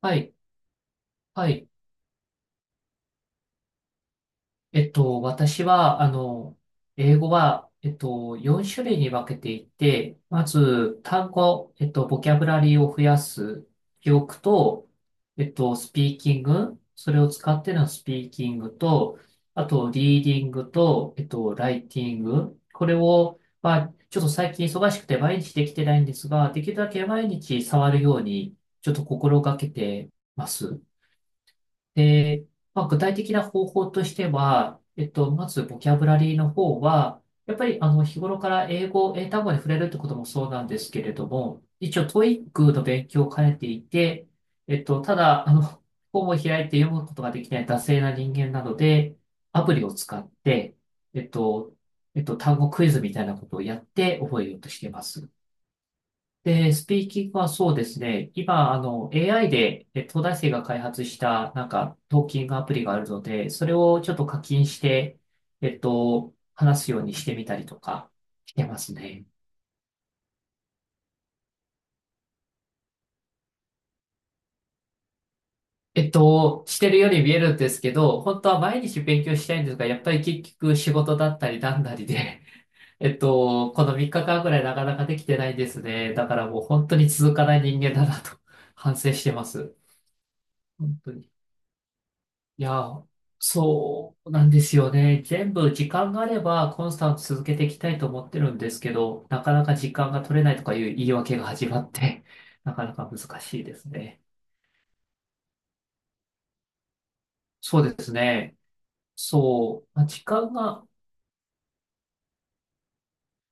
はい、はい。私は、英語は、4種類に分けていて、まず、単語、ボキャブラリーを増やす、記憶と、スピーキング、それを使ってのスピーキングと、あと、リーディングと、ライティング、これを、まあ、ちょっと最近忙しくて毎日できてないんですが、できるだけ毎日触るように、ちょっと心がけてます。で、まあ、具体的な方法としては、まずボキャブラリーの方は、やっぱりあの日頃から英語、英単語に触れるってこともそうなんですけれども、一応 TOEIC の勉強を兼ねていて、ただ、本を開いて読むことができない惰性な人間なので、アプリを使って、えっと、単語クイズみたいなことをやって覚えようとしています。で、スピーキングはそうですね。今、AI で、え東大生が開発した、なんか、トーキングアプリがあるので、それをちょっと課金して、話すようにしてみたりとか、してますね。してるように見えるんですけど、本当は毎日勉強したいんですが、やっぱり結局仕事だったりなんだりで、この3日間ぐらいなかなかできてないですね。だからもう本当に続かない人間だなと反省してます。本当に。いや、そうなんですよね。全部時間があればコンスタント続けていきたいと思ってるんですけど、なかなか時間が取れないとかいう言い訳が始まって、なかなか難しいですね。そうですね。そう。まあ時間が、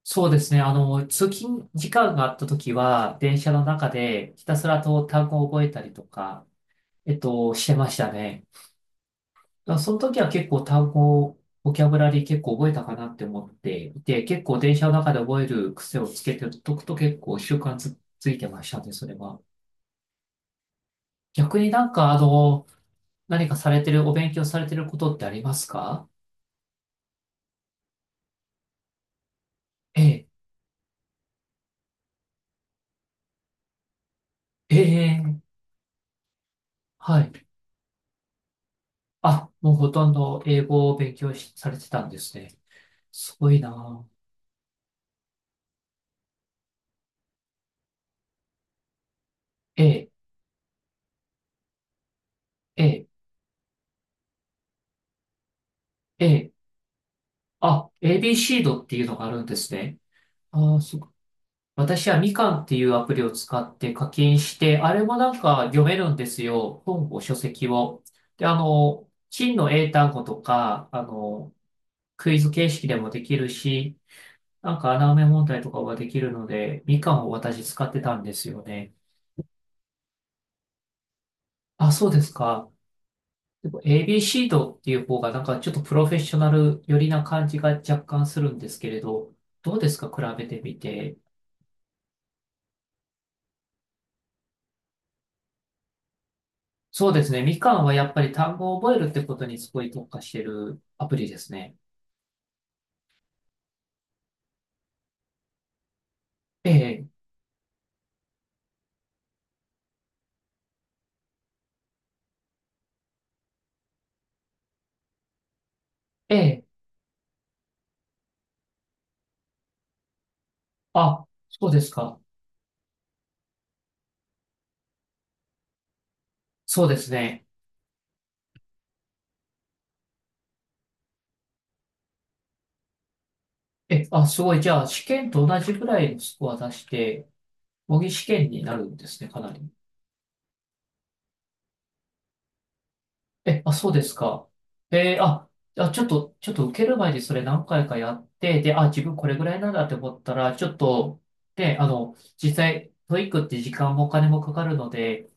そうですね。あの、通勤時間があった時は、電車の中でひたすらと単語を覚えたりとか、してましたね。だからその時は結構単語、ボキャブラリー結構覚えたかなって思っていて、結構電車の中で覚える癖をつけておくと結構習慣つ、ついてましたね、それは。逆になんかあの、何かされてる、お勉強されてることってありますか？ええ、ええ、はい。あ、もうほとんど英語を勉強し、されてたんですね。すごいなぁ。ええ、ええ、ええ、あ、ABC ドっていうのがあるんですね。ああ、す私はみかんっていうアプリを使って課金して、あれもなんか読めるんですよ。本を、書籍を。で、真の英単語とか、クイズ形式でもできるし、なんか穴埋め問題とかができるので、みかんを私使ってたんですよね。あ、そうですか。でも ABC ドっていう方がなんかちょっとプロフェッショナル寄りな感じが若干するんですけれど、どうですか比べてみて。そうですね。みかんはやっぱり単語を覚えるってことにすごい特化してるアプリですね。ええ、ええ、あ、そうですか。そうですね。え、あ、すごい。じゃあ、試験と同じぐらいのスコア出して、模擬試験になるんですね、かなり。え、あ、そうですか。えーあ、あ、ちょっと受ける前にそれ何回かやって、で、あ、自分これぐらいなんだって思ったら、ちょっと、で、実際、トイックって時間もお金もかかるので、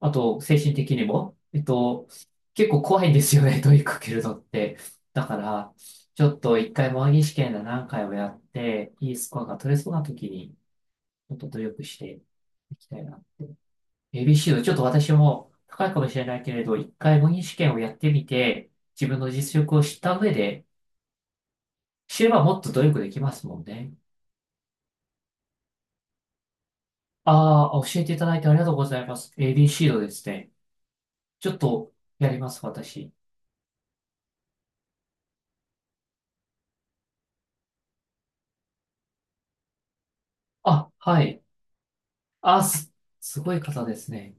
あと、精神的にも、結構怖いんですよね、問いかけるのって。だから、ちょっと一回模擬試験で何回もやって、いいスコアが取れそうな時に、ちょっと努力していきたいなって。ABC のちょっと私も高いかもしれないけれど、一回模擬試験をやってみて、自分の実力を知った上で、知ればもっと努力できますもんね。ああ、教えていただいてありがとうございます。ABC のですね。ちょっとやります、私。あ、はい。あ、す、すごい方ですね。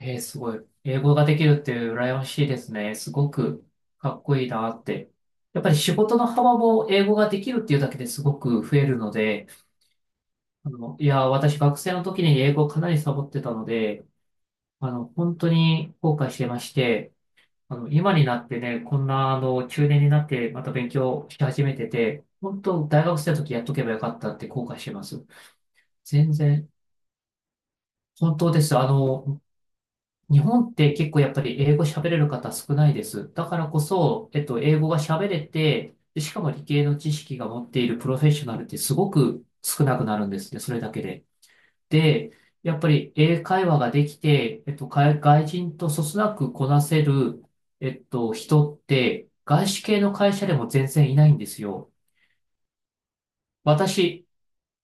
えー、すごい。英語ができるっていう羨ましいですね。すごくかっこいいなって。やっぱり仕事の幅も英語ができるっていうだけですごく増えるので、いや、私学生の時に英語をかなりサボってたので、本当に後悔してまして、今になってね、こんな、中年になってまた勉強し始めてて、本当、大学生の時やっとけばよかったって後悔してます。全然、本当です。日本って結構やっぱり英語喋れる方少ないです。だからこそ、英語が喋れて、でしかも理系の知識が持っているプロフェッショナルってすごく少なくなるんですね、それだけで。で、やっぱり英会話ができて、外人とそつなくこなせる、人って、外資系の会社でも全然いないんですよ。私、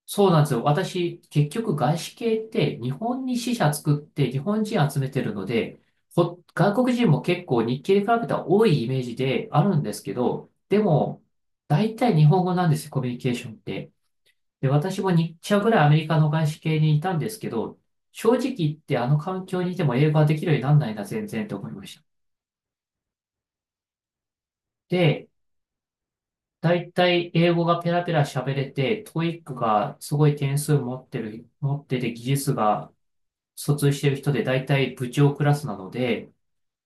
そうなんですよ。私、結局外資系って日本に支社作って日本人集めてるので、外国人も結構日系で比べたら多いイメージであるんですけど、でも、大体日本語なんですよ、コミュニケーションって。で、私も2社ぐらいアメリカの外資系にいたんですけど、正直言ってあの環境にいても英語ができるようになんないな、全然と思いました。で、大体英語がペラペラ喋れて、トーイックがすごい点数持ってる、持ってて技術が卒してる人で大体部長クラスなので、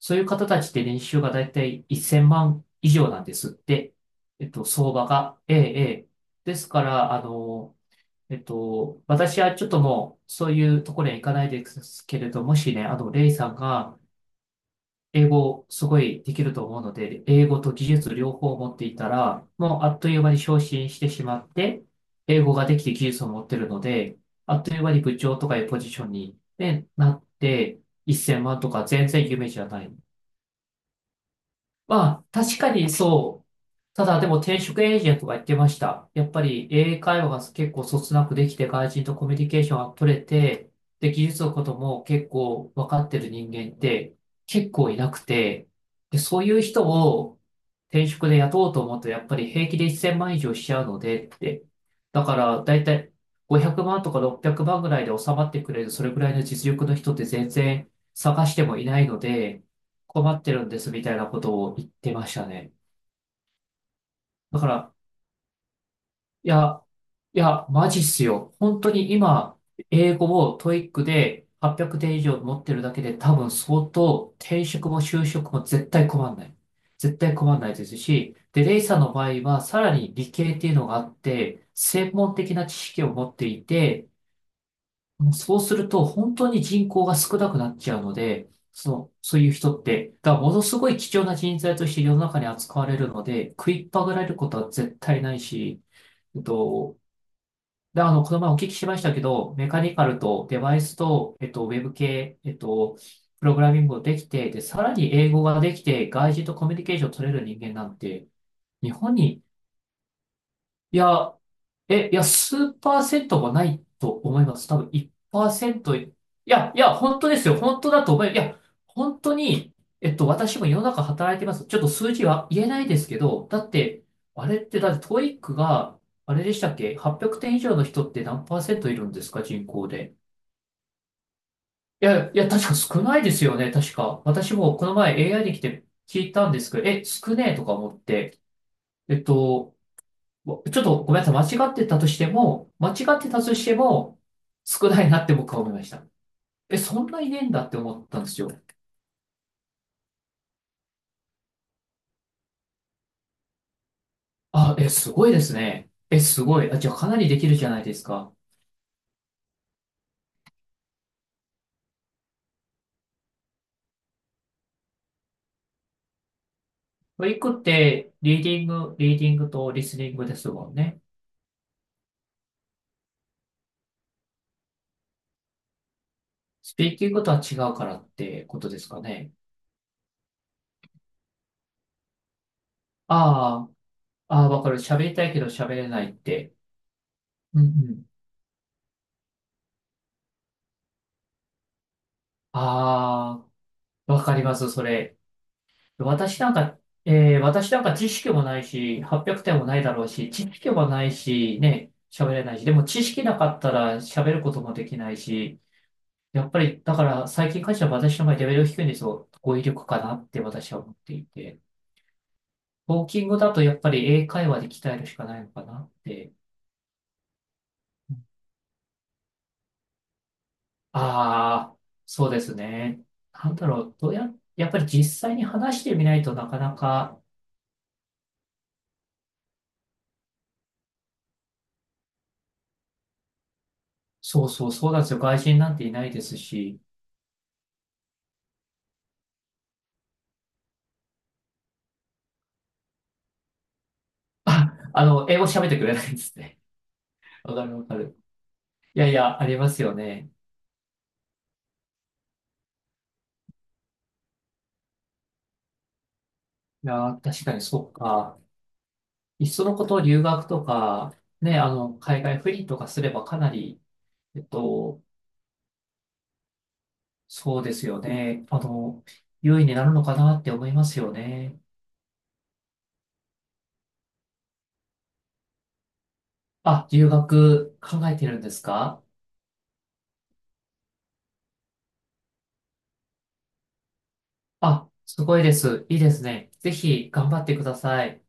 そういう方たちって年収が大体1000万以上なんですって。相場が。ええ、ええ。ですから、私はちょっともう、そういうところには行かないですけれど、もしね、レイさんが、英語すごいできると思うので、英語と技術両方持っていたら、もうあっという間に昇進してしまって、英語ができて技術を持ってるので、あっという間に部長とかいうポジションに、ね、なって、1000万とか全然夢じゃない。まあ、確かにそう。ただ、でも転職エージェントが言ってました。やっぱり英会話が結構そつなくできて、外人とコミュニケーションが取れて、で、技術のことも結構分かってる人間って結構いなくて、で、そういう人を転職で雇おうと思うと、やっぱり平気で1000万以上しちゃうのでって。だから、だいたい500万とか600万ぐらいで収まってくれる、それぐらいの実力の人って全然探してもいないので、困ってるんですみたいなことを言ってましたね。だから、いや、いや、マジっすよ。本当に今、英語を TOEIC で800点以上持ってるだけで多分相当転職も就職も絶対困んない。絶対困んないですし、で、レイさんの場合はさらに理系っていうのがあって、専門的な知識を持っていて、そうすると、本当に人口が少なくなっちゃうので、そういう人がものすごい貴重な人材として世の中に扱われるので、食いっぱぐられることは絶対ないし、えっと、で、この前お聞きしましたけど、メカニカルとデバイスと、ウェブ系、プログラミングをできて、で、さらに英語ができて、外人とコミュニケーションを取れる人間なんて、日本に、いや、いや、数パーセントもないと思います。多分1%。いや、いや、本当ですよ。本当だと思い、いや、本当に、私も世の中働いてます。ちょっと数字は言えないですけど、だって、あれって、だってト o イックが、あれでしたっけ ?800 点以上の人って何パーセントいるんですか人口で。いや、いや、確か少ないですよね。確か。私もこの前 AI で来て聞いたんですけど、少ねえとか思って。えっと、もうちょっとごめんなさい。間違ってたとしても、間違ってたとしても、少ないなって僕は思いました。そんな遺伝だって思ったんですよ。あ、すごいですね。え、すごい。あ、じゃあかなりできるじゃないですか。トリックって、リーディングとリスニングですもんね。スピーキングとは違うからってことですかね。あわかる。喋りたいけど喋れないって。うんうん。ああ、わかります、それ。私なんか、私なんか知識もないし、800点もないだろうし、知識もないし、ね、喋れないし、でも知識なかったら喋ることもできないし、やっぱり、だから最近会社は私の場合レベル低いんですよ。語彙力かなって私は思っていて。トーキングだとやっぱり英会話で鍛えるしかないのかなって。ああ、そうですね。なんだろう、どうや、やっぱり実際に話してみないとなかなか、そうそう、そうなんですよ。外人なんていないですし、あ、英語喋ってくれないんですね。わかるわかる。いやいや、ありますよね。いやー、確かにそうか。いっそのこと留学とか、ね、海外赴任とかすればかなり、えっと、そうですよね。優位になるのかなって思いますよね。あ、留学考えてるんですか？あ、すごいです。いいですね。ぜひ頑張ってください。